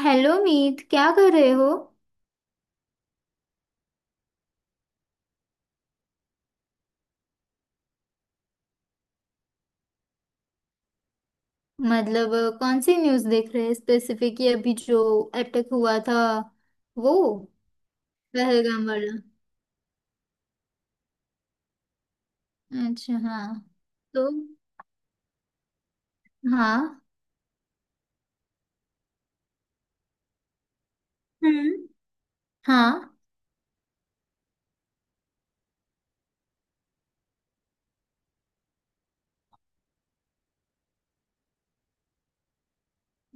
Hello Meet, क्या कर रहे हो? मतलब कौन सी न्यूज़ देख रहे हैं स्पेसिफिक, ये अभी जो अटैक हुआ था, वो पहलगाम वाला। अच्छा हाँ। तो हाँ। हम्म। हाँ।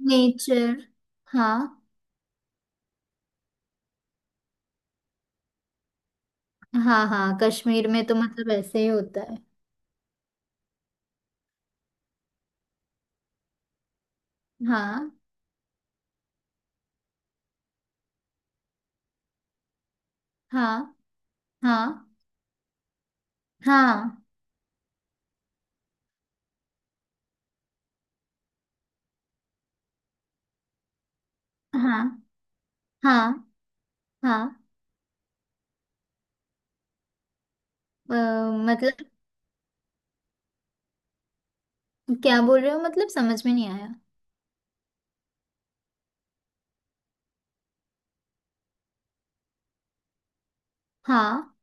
नेचर। हाँ हाँ हाँ, कश्मीर में तो मतलब ऐसे ही होता है। हाँ हाँ हाँ हाँ हाँ हाँ हाँ। अ, मतलब क्या बोल रहे हो, मतलब समझ में नहीं आया। हाँ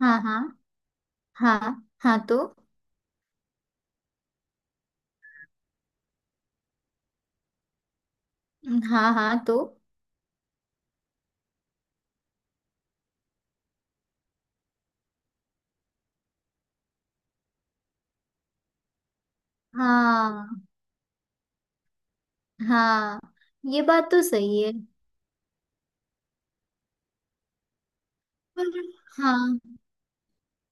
हाँ हाँ हाँ हाँ। तो हाँ हाँ। तो हाँ हाँ, ये बात तो सही है। पर हाँ,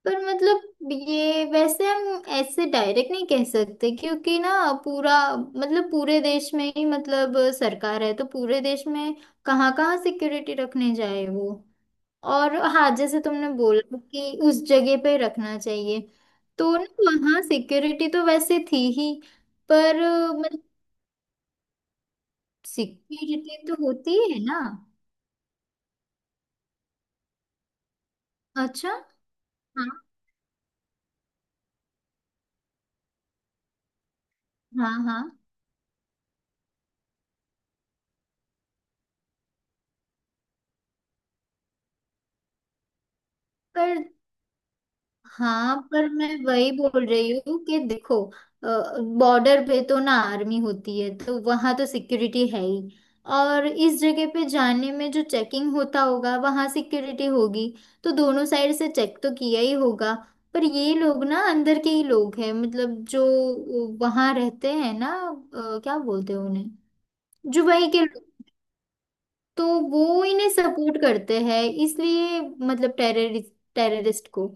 पर मतलब ये वैसे हम ऐसे डायरेक्ट नहीं कह सकते क्योंकि ना पूरा मतलब पूरे देश में ही मतलब सरकार है, तो पूरे देश में कहाँ कहाँ सिक्योरिटी रखने जाए वो। और हाँ, जैसे तुमने बोला कि उस जगह पे रखना चाहिए तो ना वहाँ सिक्योरिटी तो वैसे थी ही। पर मतलब सिक्योरिटी तो होती है ना। अच्छा। हाँ हाँ हाँ। पर हाँ, पर मैं वही बोल रही हूँ कि देखो बॉर्डर पे तो ना आर्मी होती है तो वहां तो सिक्योरिटी है ही। और इस जगह पे जाने में जो चेकिंग होता होगा वहां सिक्योरिटी होगी, तो दोनों साइड से चेक तो किया ही होगा। पर ये लोग ना अंदर के ही लोग हैं मतलब जो वहां रहते हैं ना, क्या बोलते हैं उन्हें, जो वहीं के लोग। तो वो इन्हें सपोर्ट करते हैं, इसलिए मतलब टेररिस्ट, टेररिस्ट को,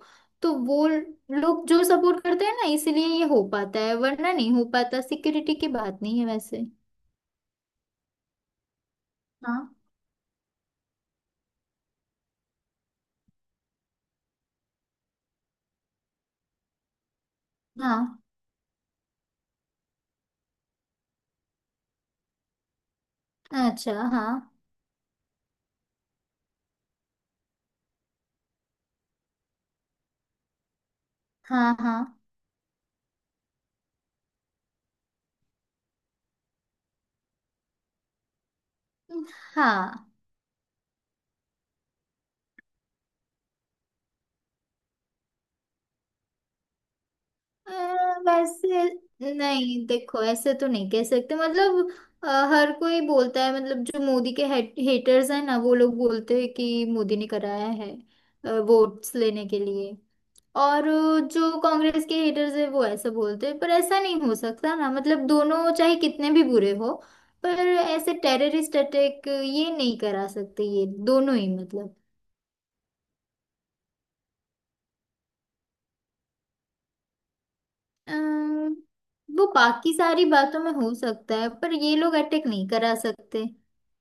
तो वो लोग जो सपोर्ट करते हैं ना, इसलिए ये हो पाता है वरना नहीं हो पाता। सिक्योरिटी की बात नहीं है वैसे। हाँ हाँ। अच्छा हाँ हाँ हाँ हाँ। अ, वैसे नहीं, देखो ऐसे तो नहीं कह सकते मतलब। अ, हर कोई बोलता है मतलब जो मोदी के हेटर्स हैं ना, वो लोग बोलते हैं कि मोदी ने कराया है वोट्स लेने के लिए। और जो कांग्रेस के हेटर्स है, वो ऐसा बोलते हैं। पर ऐसा नहीं हो सकता ना, मतलब दोनों चाहे कितने भी बुरे हो, पर ऐसे टेररिस्ट अटैक ये नहीं करा सकते, ये दोनों ही मतलब। अम्म, वो बाकी सारी बातों में हो सकता है पर ये लोग अटैक नहीं करा सकते।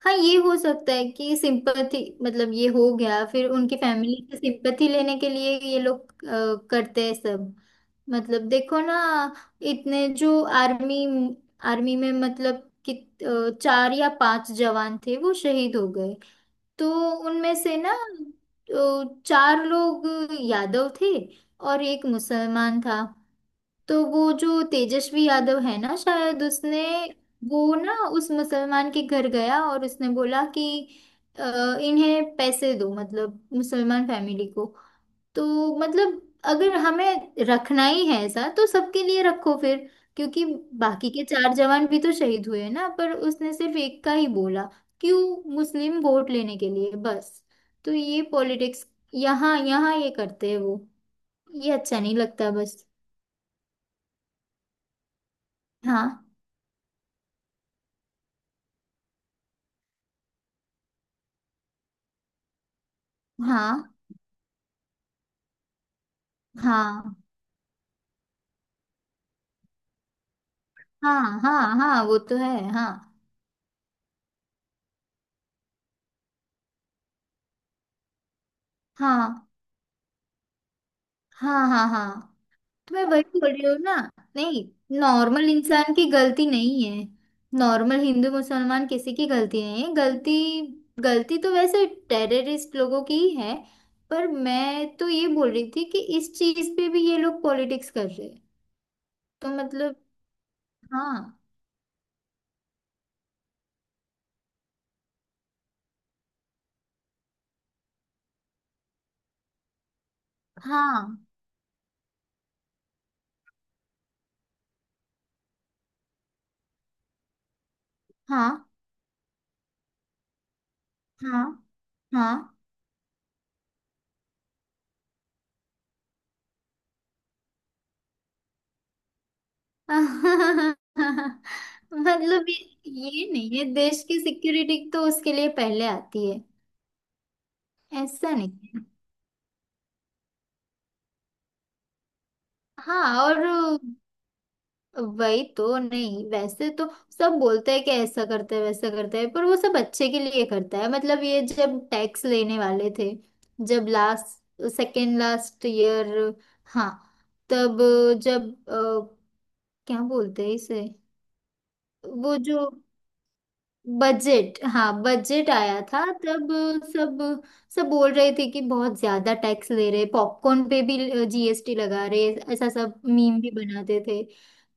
हाँ, ये हो सकता है कि सिंपथी, मतलब ये हो गया फिर उनकी फैमिली से सिंपथी लेने के लिए ये लोग करते हैं सब। मतलब देखो ना, इतने जो आर्मी, आर्मी में मतलब कि चार या पांच जवान थे वो शहीद हो गए, तो उनमें से ना चार लोग यादव थे और एक मुसलमान था। तो वो जो तेजस्वी यादव है ना, शायद उसने वो ना उस मुसलमान के घर गया और उसने बोला कि अ, इन्हें पैसे दो, मतलब मुसलमान फैमिली को। तो मतलब अगर हमें रखना ही है ऐसा, तो सबके लिए रखो फिर, क्योंकि बाकी के चार जवान भी तो शहीद हुए हैं ना। पर उसने सिर्फ एक का ही बोला, क्यों? मुस्लिम वोट लेने के लिए बस। तो ये पॉलिटिक्स यहाँ यहाँ ये करते हैं वो। ये अच्छा नहीं लगता बस। हाँ हाँ हाँ हाँ हाँ हाँ, वो तो है। हाँ हाँ हाँ हाँ हाँ। तो मैं वही बोल रही हूँ ना। नहीं, नॉर्मल इंसान की गलती नहीं है। नॉर्मल हिंदू मुसलमान किसी की गलती नहीं है, गलती, गलती तो वैसे टेररिस्ट लोगों की ही है। पर मैं तो ये बोल रही थी कि इस चीज पे भी ये लोग पॉलिटिक्स कर रहे हैं। तो मतलब हाँ हाँ हाँ हाँ हाँ। मतलब ये नहीं है, देश की सिक्योरिटी तो उसके लिए पहले आती है। ऐसा नहीं है। हाँ, और वही तो, नहीं वैसे तो सब बोलते हैं कि ऐसा करते हैं वैसा करते हैं, पर वो सब अच्छे के लिए करता है। मतलब ये जब टैक्स लेने वाले थे, जब लास्ट सेकेंड, लास्ट ईयर, हाँ, तब जब क्या बोलते हैं इसे, वो जो बजट, हाँ बजट आया था तब सब, सब बोल रहे थे कि बहुत ज्यादा टैक्स ले रहे, पॉपकॉर्न पे भी जीएसटी लगा रहे। ऐसा सब मीम भी बनाते थे।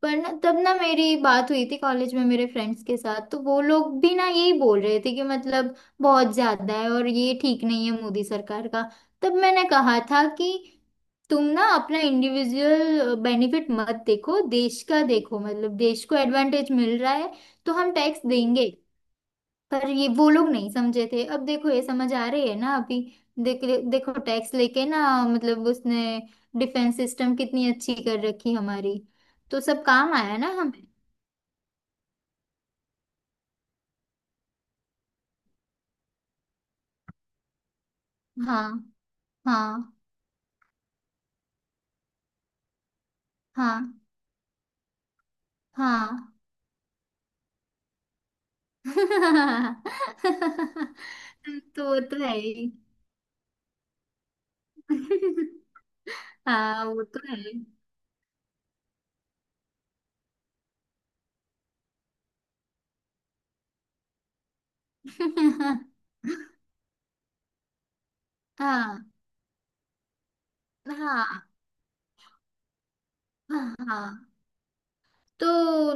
पर ना तब ना मेरी बात हुई थी कॉलेज में मेरे फ्रेंड्स के साथ, तो वो लोग भी ना यही बोल रहे थे कि मतलब बहुत ज्यादा है और ये ठीक नहीं है मोदी सरकार का। तब मैंने कहा था कि तुम ना अपना इंडिविजुअल बेनिफिट मत देखो, देश का देखो, मतलब देश को एडवांटेज मिल रहा है तो हम टैक्स देंगे। पर ये वो लोग नहीं समझे थे, अब देखो ये समझ आ रही है ना अभी। देख देखो, टैक्स लेके ना मतलब उसने डिफेंस सिस्टम कितनी अच्छी कर रखी हमारी, तो सब काम आया ना हमें। हाँ हाँ हाँ हाँ। तो वो तो है ही। हाँ वो तो है। हाँ हाँ हाँ। तो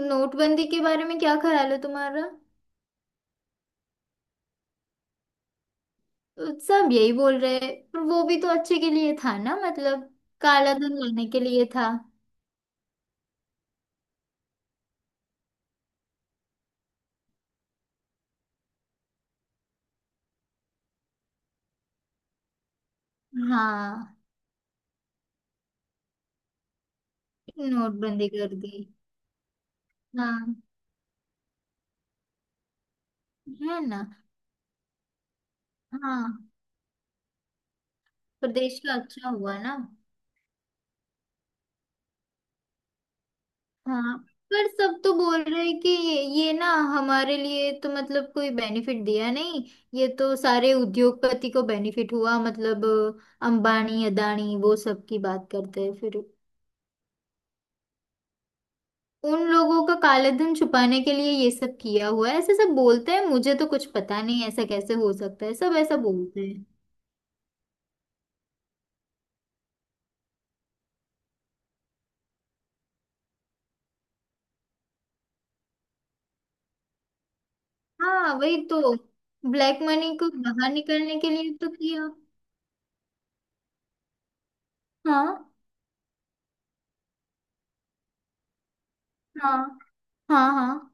नोटबंदी के बारे में क्या ख्याल है तुम्हारा? सब यही बोल रहे हैं, पर वो भी तो अच्छे के लिए था ना, मतलब काला धन लाने के लिए था। हाँ। नोटबंदी कर दी। हाँ। है ना। हाँ। प्रदेश का अच्छा हुआ ना। हाँ, पर सब तो बोल रहे हैं कि ये ना हमारे लिए तो मतलब कोई बेनिफिट दिया नहीं, ये तो सारे उद्योगपति को बेनिफिट हुआ मतलब अंबानी, अदानी वो सब की बात करते हैं फिर, उन लोगों का काले धन छुपाने के लिए ये सब किया हुआ है ऐसे सब बोलते हैं। मुझे तो कुछ पता नहीं ऐसा कैसे हो सकता है, सब ऐसा बोलते हैं। हाँ वही तो, ब्लैक मनी को बाहर निकलने के लिए तो किया। हाँ हाँ हाँ हाँ।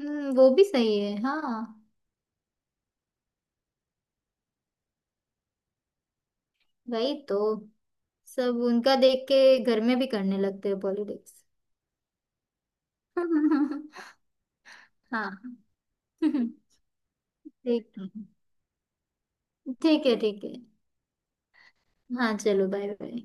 वो भी सही है हाँ। वही तो, सब उनका देख के घर में भी करने लगते हैं पॉलिटिक्स। हाँ। ठीक है। ठीक है ठीक है। हाँ चलो, बाय बाय।